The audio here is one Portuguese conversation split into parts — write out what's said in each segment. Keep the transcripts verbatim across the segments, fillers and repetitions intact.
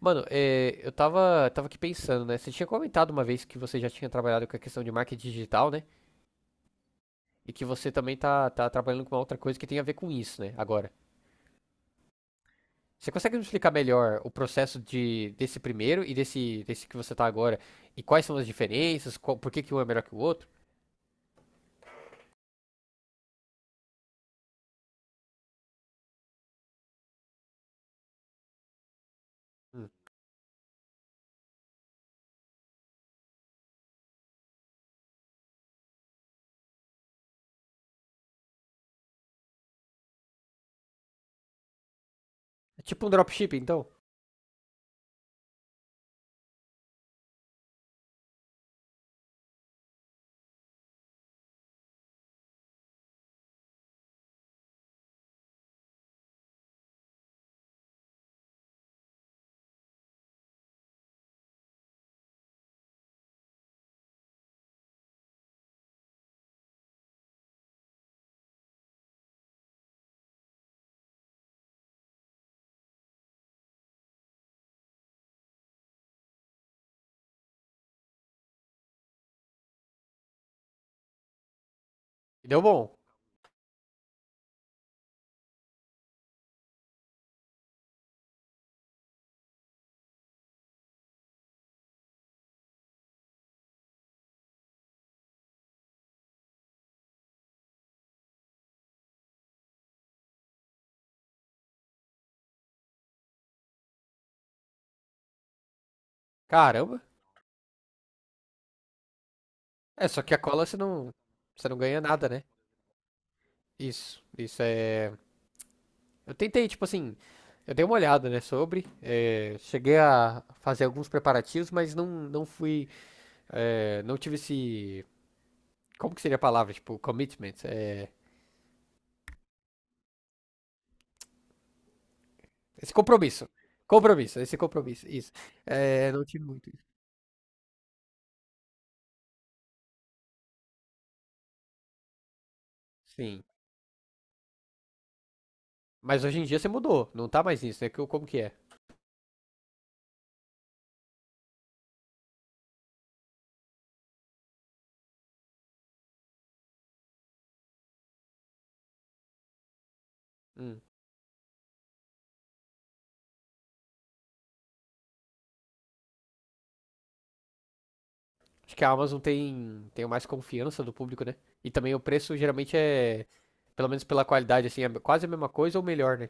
Mano, é, eu tava, tava aqui pensando, né? Você tinha comentado uma vez que você já tinha trabalhado com a questão de marketing digital, né? E que você também tá, tá trabalhando com uma outra coisa que tem a ver com isso, né? Agora. Você consegue me explicar melhor o processo de, desse primeiro e desse, desse que você tá agora? E quais são as diferenças? Qual- por que que um é melhor que o outro? Hum. É tipo um dropshipping, então? E deu bom. Caramba. É, só que a cola você não, você não ganha nada, né? Isso, isso é. Eu tentei, tipo assim, eu dei uma olhada, né, sobre, eh, cheguei a fazer alguns preparativos, mas não, não fui, eh, não tive esse, como que seria a palavra, tipo, commitment, eh, esse compromisso, compromisso, esse compromisso, isso, eh, não tive muito isso, sim, mas hoje em dia você mudou, não tá mais nisso, né, que, como que é? Hum. Acho que a Amazon tem, tem mais confiança do público, né, e também o preço geralmente é, pelo menos pela qualidade, assim, é quase a mesma coisa ou melhor, né,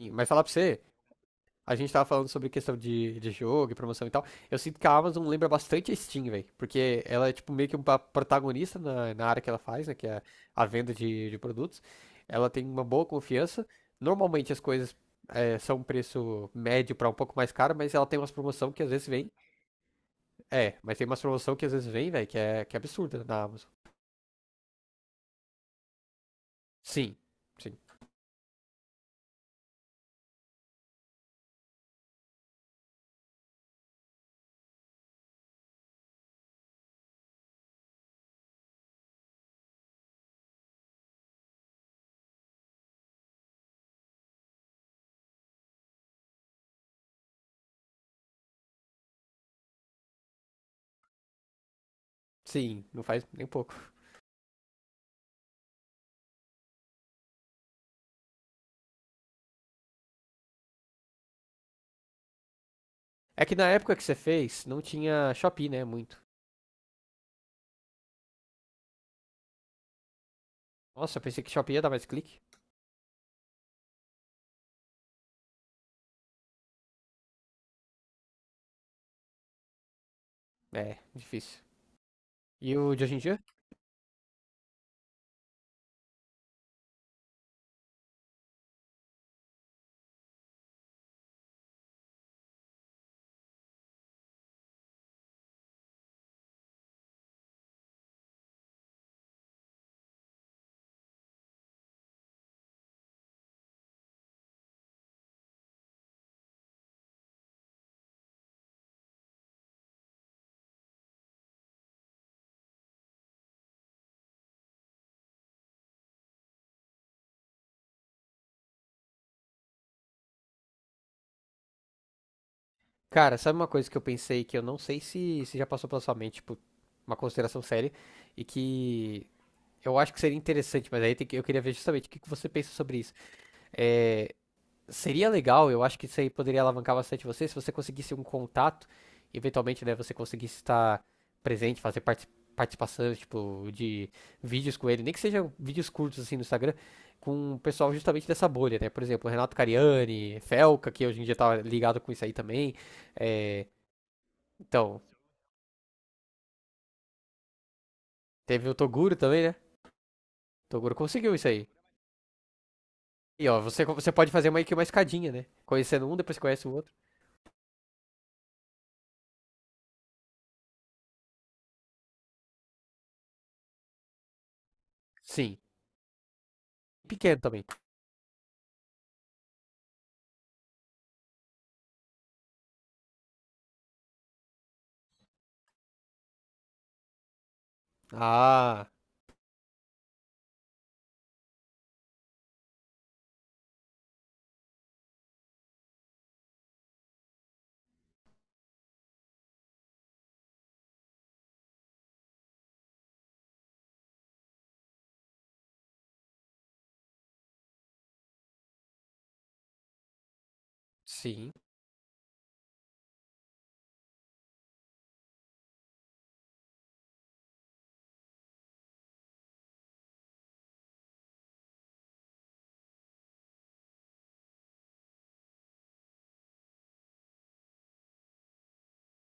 sim, mas falar pra você, a gente tava falando sobre questão de, de jogo e promoção e tal. Eu sinto que a Amazon lembra bastante a Steam, velho. Porque ela é, tipo, meio que uma protagonista na, na área que ela faz, né? Que é a venda de, de produtos. Ela tem uma boa confiança. Normalmente as coisas é, são um preço médio pra um pouco mais caro, mas ela tem umas promoção que às vezes vem. É, mas tem umas promoção que às vezes vem, velho, que é, que é absurda na Amazon. Sim, sim, sim, não faz nem pouco. É que na época que você fez, não tinha Shopee, né? Muito. Nossa, eu pensei que Shopee ia dar mais clique. É, difícil. E o de hoje em dia? Cara, sabe uma coisa que eu pensei que eu não sei se, se já passou pela sua mente, tipo, uma consideração séria, e que eu acho que seria interessante, mas aí tem que- eu queria ver justamente o que que você pensa sobre isso. É, seria legal, eu acho que isso aí poderia alavancar bastante você, se você conseguisse um contato, eventualmente, né, você conseguisse estar presente, fazer parti- participações, tipo, de vídeos com ele, nem que sejam vídeos curtos, assim, no Instagram, com o pessoal justamente dessa bolha, né? Por exemplo, Renato Cariani, Felca, que hoje em dia tá ligado com isso aí também. É, então, teve o Toguro também, né? Toguro conseguiu isso aí. E, ó, você, você pode fazer meio que uma escadinha, né? Conhecendo um, depois conhece o outro. Sim. Pequeno também. Ah, sim,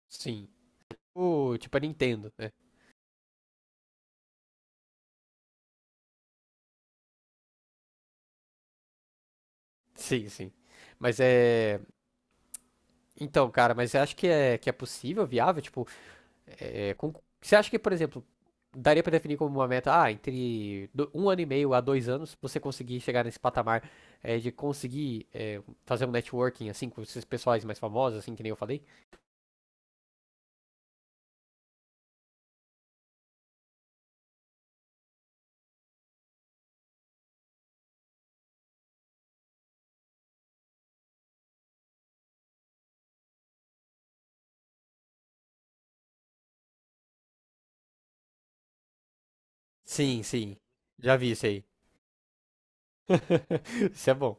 sim, tipo, tipo a Nintendo, né? Sim, sim. Mas é. Então, cara, mas você acha que é, que é possível, viável? Tipo, é, com- você acha que, por exemplo, daria pra definir como uma meta, ah, entre do- um ano e meio a dois anos, você conseguir chegar nesse patamar é, de conseguir é, fazer um networking, assim, com esses pessoais mais famosos, assim, que nem eu falei? Sim, sim. Já vi isso aí. Isso é bom.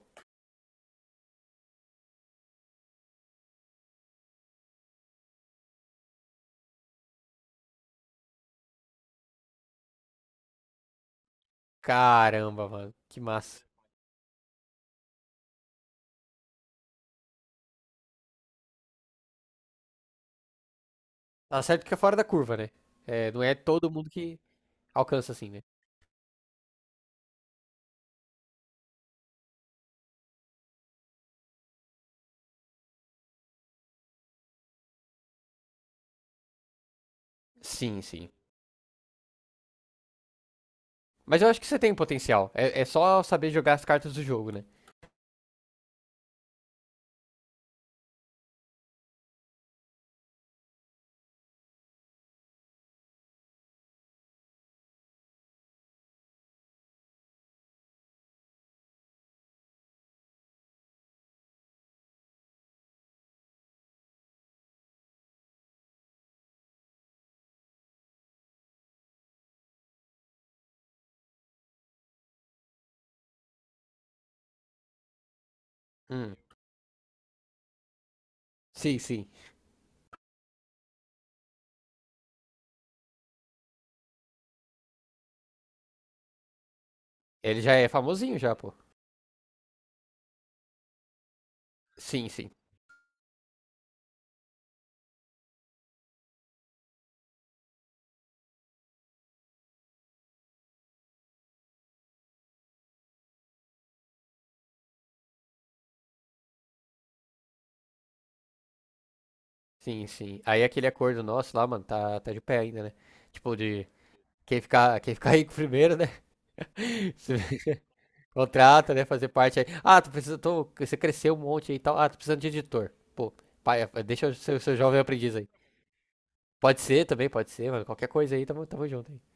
Caramba, mano. Que massa. Tá certo que é fora da curva, né? É, não é todo mundo que alcança assim, né? Sim, sim. Mas eu acho que você tem potencial. É, é só saber jogar as cartas do jogo, né? Hum. Sim, sim. Ele já é famosinho já, pô. Sim, sim. Sim, sim. Aí aquele acordo nosso lá, mano, tá, tá de pé ainda, né? Tipo, de quem ficar, quem ficar rico primeiro, né? Se contrata, né? Fazer parte aí. Ah, tu precisa, tô, você cresceu um monte aí e tal. Ah, tô precisando de editor. Pô, pai, deixa eu ser o seu jovem aprendiz aí. Pode ser também, pode ser, mano. Qualquer coisa aí, tamo, tamo junto aí.